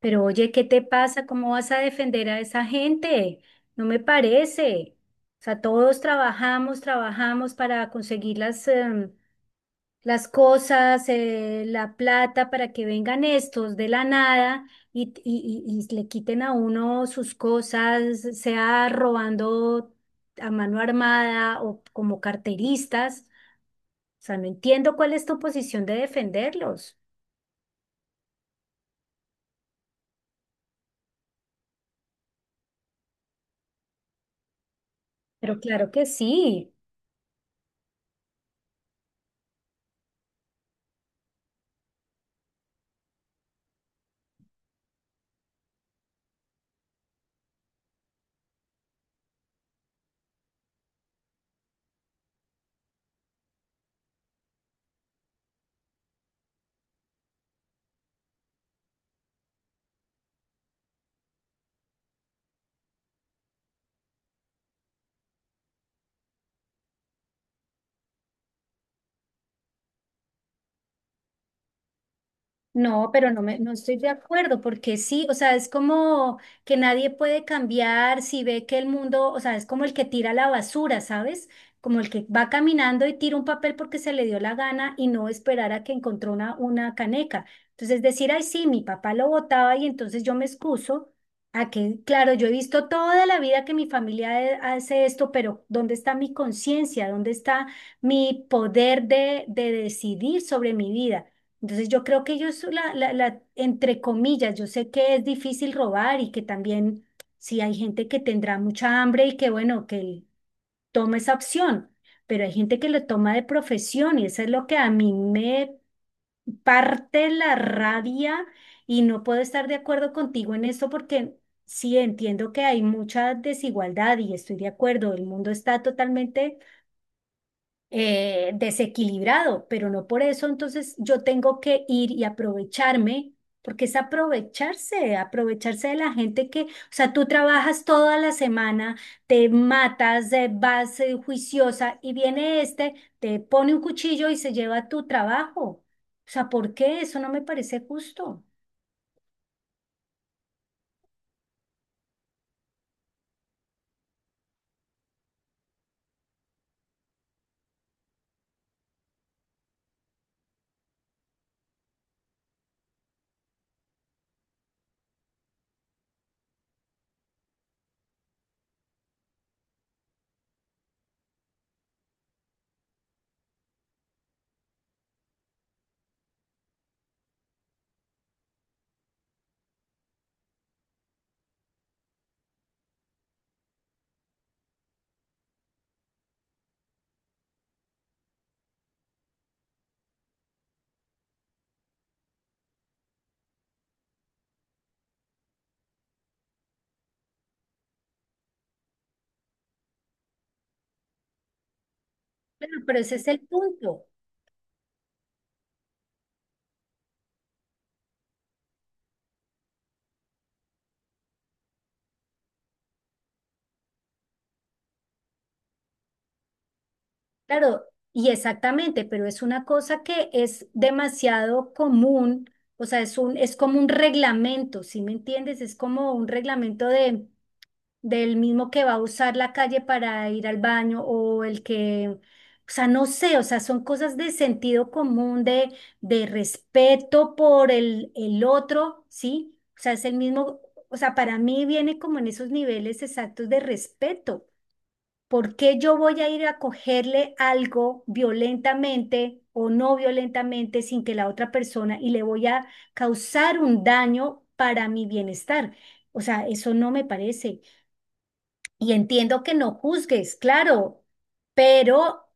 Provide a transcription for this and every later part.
Pero oye, ¿qué te pasa? ¿Cómo vas a defender a esa gente? No me parece. O sea, todos trabajamos para conseguir las cosas, la plata, para que vengan estos de la nada y le quiten a uno sus cosas, sea robando a mano armada o como carteristas. O sea, no entiendo cuál es tu posición de defenderlos. Pero claro que sí. No, pero no estoy de acuerdo, porque sí, o sea, es como que nadie puede cambiar si ve que el mundo, o sea, es como el que tira la basura, ¿sabes? Como el que va caminando y tira un papel porque se le dio la gana y no esperar a que encontró una caneca. Entonces decir, ay, sí, mi papá lo botaba y entonces yo me excuso a que, claro, yo he visto toda la vida que mi familia hace esto, pero ¿dónde está mi conciencia? ¿Dónde está mi poder de decidir sobre mi vida? Entonces yo creo que ellos, entre comillas, yo sé que es difícil robar y que también sí hay gente que tendrá mucha hambre y que bueno, que toma esa opción, pero hay gente que lo toma de profesión y eso es lo que a mí me parte la rabia y no puedo estar de acuerdo contigo en esto porque sí entiendo que hay mucha desigualdad y estoy de acuerdo, el mundo está totalmente desequilibrado, pero no por eso, entonces yo tengo que ir y aprovecharme, porque es aprovecharse, aprovecharse de la gente que, o sea, tú trabajas toda la semana, te matas, vas juiciosa y viene este, te pone un cuchillo y se lleva tu trabajo. O sea, ¿por qué? Eso no me parece justo. Bueno, pero ese es el punto. Claro, y exactamente, pero es una cosa que es demasiado común, o sea, es como un reglamento, ¿sí me entiendes? Es como un reglamento de, del mismo que va a usar la calle para ir al baño o el que, o sea, no sé, o sea, son cosas de sentido común, de respeto por el otro, ¿sí? O sea, es el mismo, o sea, para mí viene como en esos niveles exactos de respeto. ¿Por qué yo voy a ir a cogerle algo violentamente o no violentamente sin que la otra persona y le voy a causar un daño para mi bienestar? O sea, eso no me parece. Y entiendo que no juzgues, claro, pero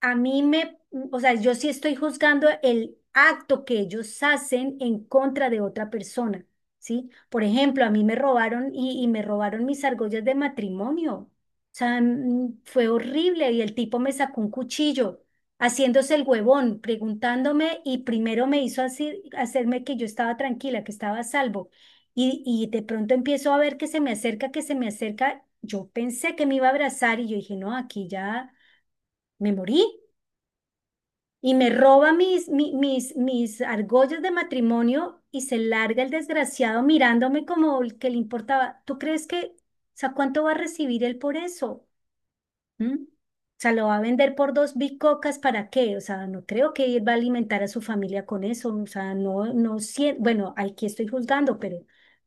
a mí me, o sea, yo sí estoy juzgando el acto que ellos hacen en contra de otra persona, ¿sí? Por ejemplo, a mí me robaron y me robaron mis argollas de matrimonio. O sea, fue horrible y el tipo me sacó un cuchillo, haciéndose el huevón, preguntándome y primero me hizo así, hacerme que yo estaba tranquila, que estaba a salvo. Y de pronto empiezo a ver que se me acerca, que se me acerca. Yo pensé que me iba a abrazar y yo dije, no, aquí ya me morí. Y me roba mis argollas de matrimonio y se larga el desgraciado mirándome como el que le importaba. ¿Tú crees que, o sea, cuánto va a recibir él por eso? ¿Mm? O sea, lo va a vender por dos bicocas, ¿para qué? O sea, no creo que él va a alimentar a su familia con eso. O sea, no, no siento, bueno, aquí estoy juzgando, pero,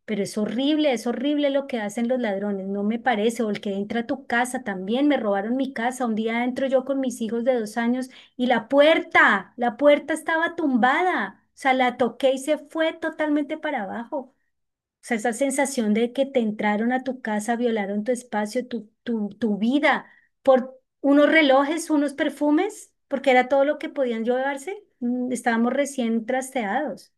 pero es horrible lo que hacen los ladrones, no me parece. O el que entra a tu casa también, me robaron mi casa. Un día entro yo con mis hijos de 2 años y la puerta estaba tumbada. O sea, la toqué y se fue totalmente para abajo sea, esa sensación de que te entraron a tu casa, violaron tu espacio, tu vida, por unos relojes, unos perfumes, porque era todo lo que podían llevarse. Estábamos recién trasteados.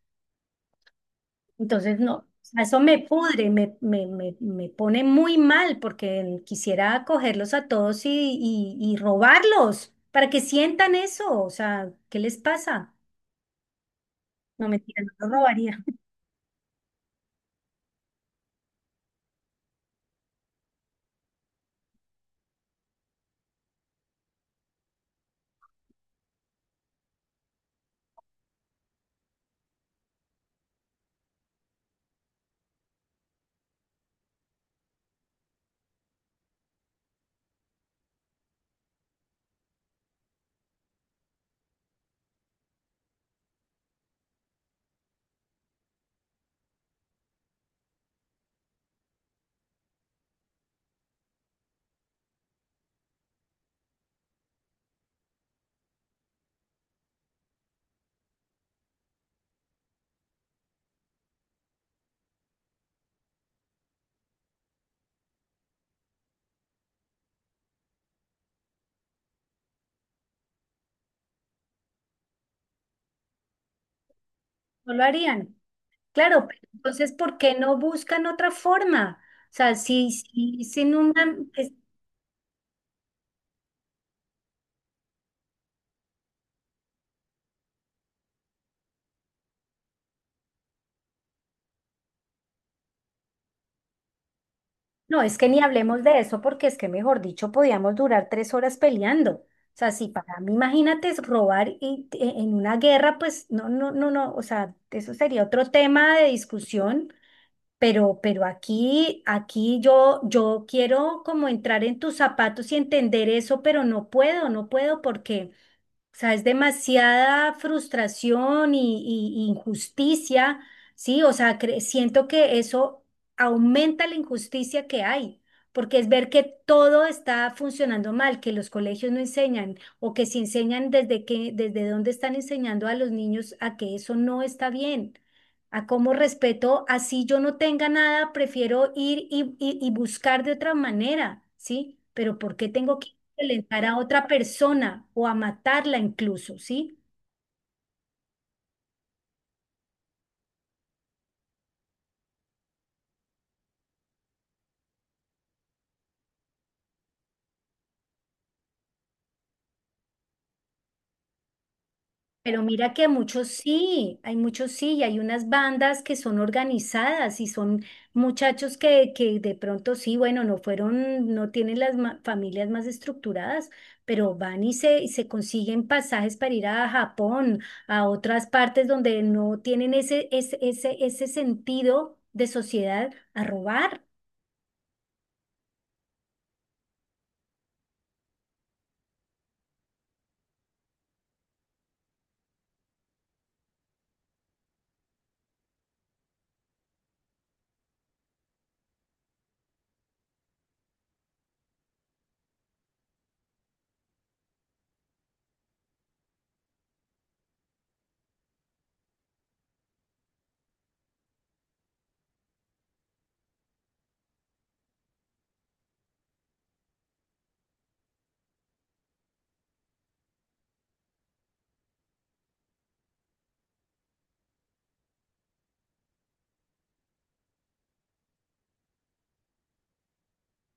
Entonces, no, eso me pudre, me pone muy mal porque quisiera cogerlos a todos y robarlos para que sientan eso. O sea, ¿qué les pasa? No, mentira, no lo robaría, no lo harían. Claro, pero entonces, ¿por qué no buscan otra forma? O sea, si, si, sin una... es- no, es que ni hablemos de eso porque es que, mejor dicho, podíamos durar 3 horas peleando. O sea, si para mí, imagínate, es robar en una guerra, pues no, no, no, no, o sea, eso sería otro tema de discusión, pero aquí yo quiero como entrar en tus zapatos y entender eso, pero no puedo, no puedo porque... O sea, es demasiada frustración y injusticia, ¿sí? O sea, siento que eso aumenta la injusticia que hay, porque es ver que todo está funcionando mal, que los colegios no enseñan o que si enseñan desde dónde están enseñando a los niños a que eso no está bien, a cómo respeto, así yo no tenga nada, prefiero ir y buscar de otra manera, ¿sí? Pero ¿por qué tengo que violentar a otra persona o a matarla incluso, ¿sí? Pero mira que muchos sí, hay muchos sí, y hay unas bandas que son organizadas y son muchachos que de pronto sí, bueno, no fueron, no tienen las familias más estructuradas, pero van y se consiguen pasajes para ir a Japón, a otras partes donde no tienen ese sentido de sociedad a robar.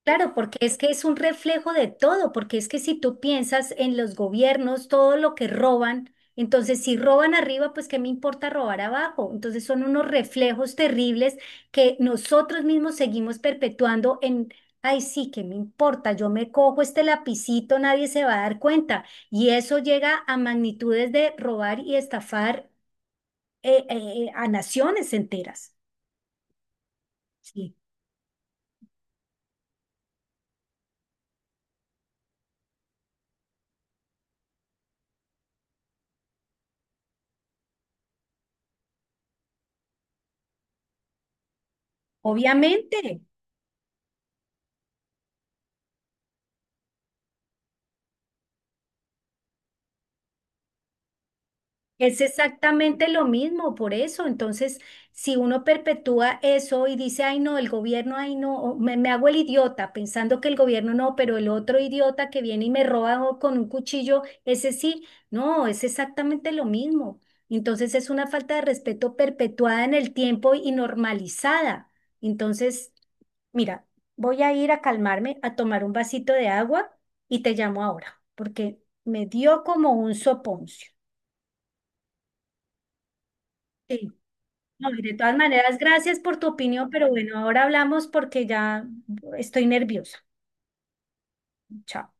Claro, porque es que es un reflejo de todo, porque es que si tú piensas en los gobiernos, todo lo que roban, entonces si roban arriba, pues qué me importa robar abajo. Entonces son unos reflejos terribles que nosotros mismos seguimos perpetuando en, ay, sí, qué me importa, yo me cojo este lapicito, nadie se va a dar cuenta. Y eso llega a magnitudes de robar y estafar a naciones enteras. Sí. Obviamente. Es exactamente lo mismo, por eso. Entonces, si uno perpetúa eso y dice, ay no, el gobierno, ay no, o me hago el idiota pensando que el gobierno no, pero el otro idiota que viene y me roba o con un cuchillo, ese sí, no, es exactamente lo mismo. Entonces, es una falta de respeto perpetuada en el tiempo y normalizada. Entonces, mira, voy a ir a calmarme, a tomar un vasito de agua y te llamo ahora, porque me dio como un soponcio. Sí. No, y de todas maneras, gracias por tu opinión, pero bueno, ahora hablamos porque ya estoy nerviosa. Chao.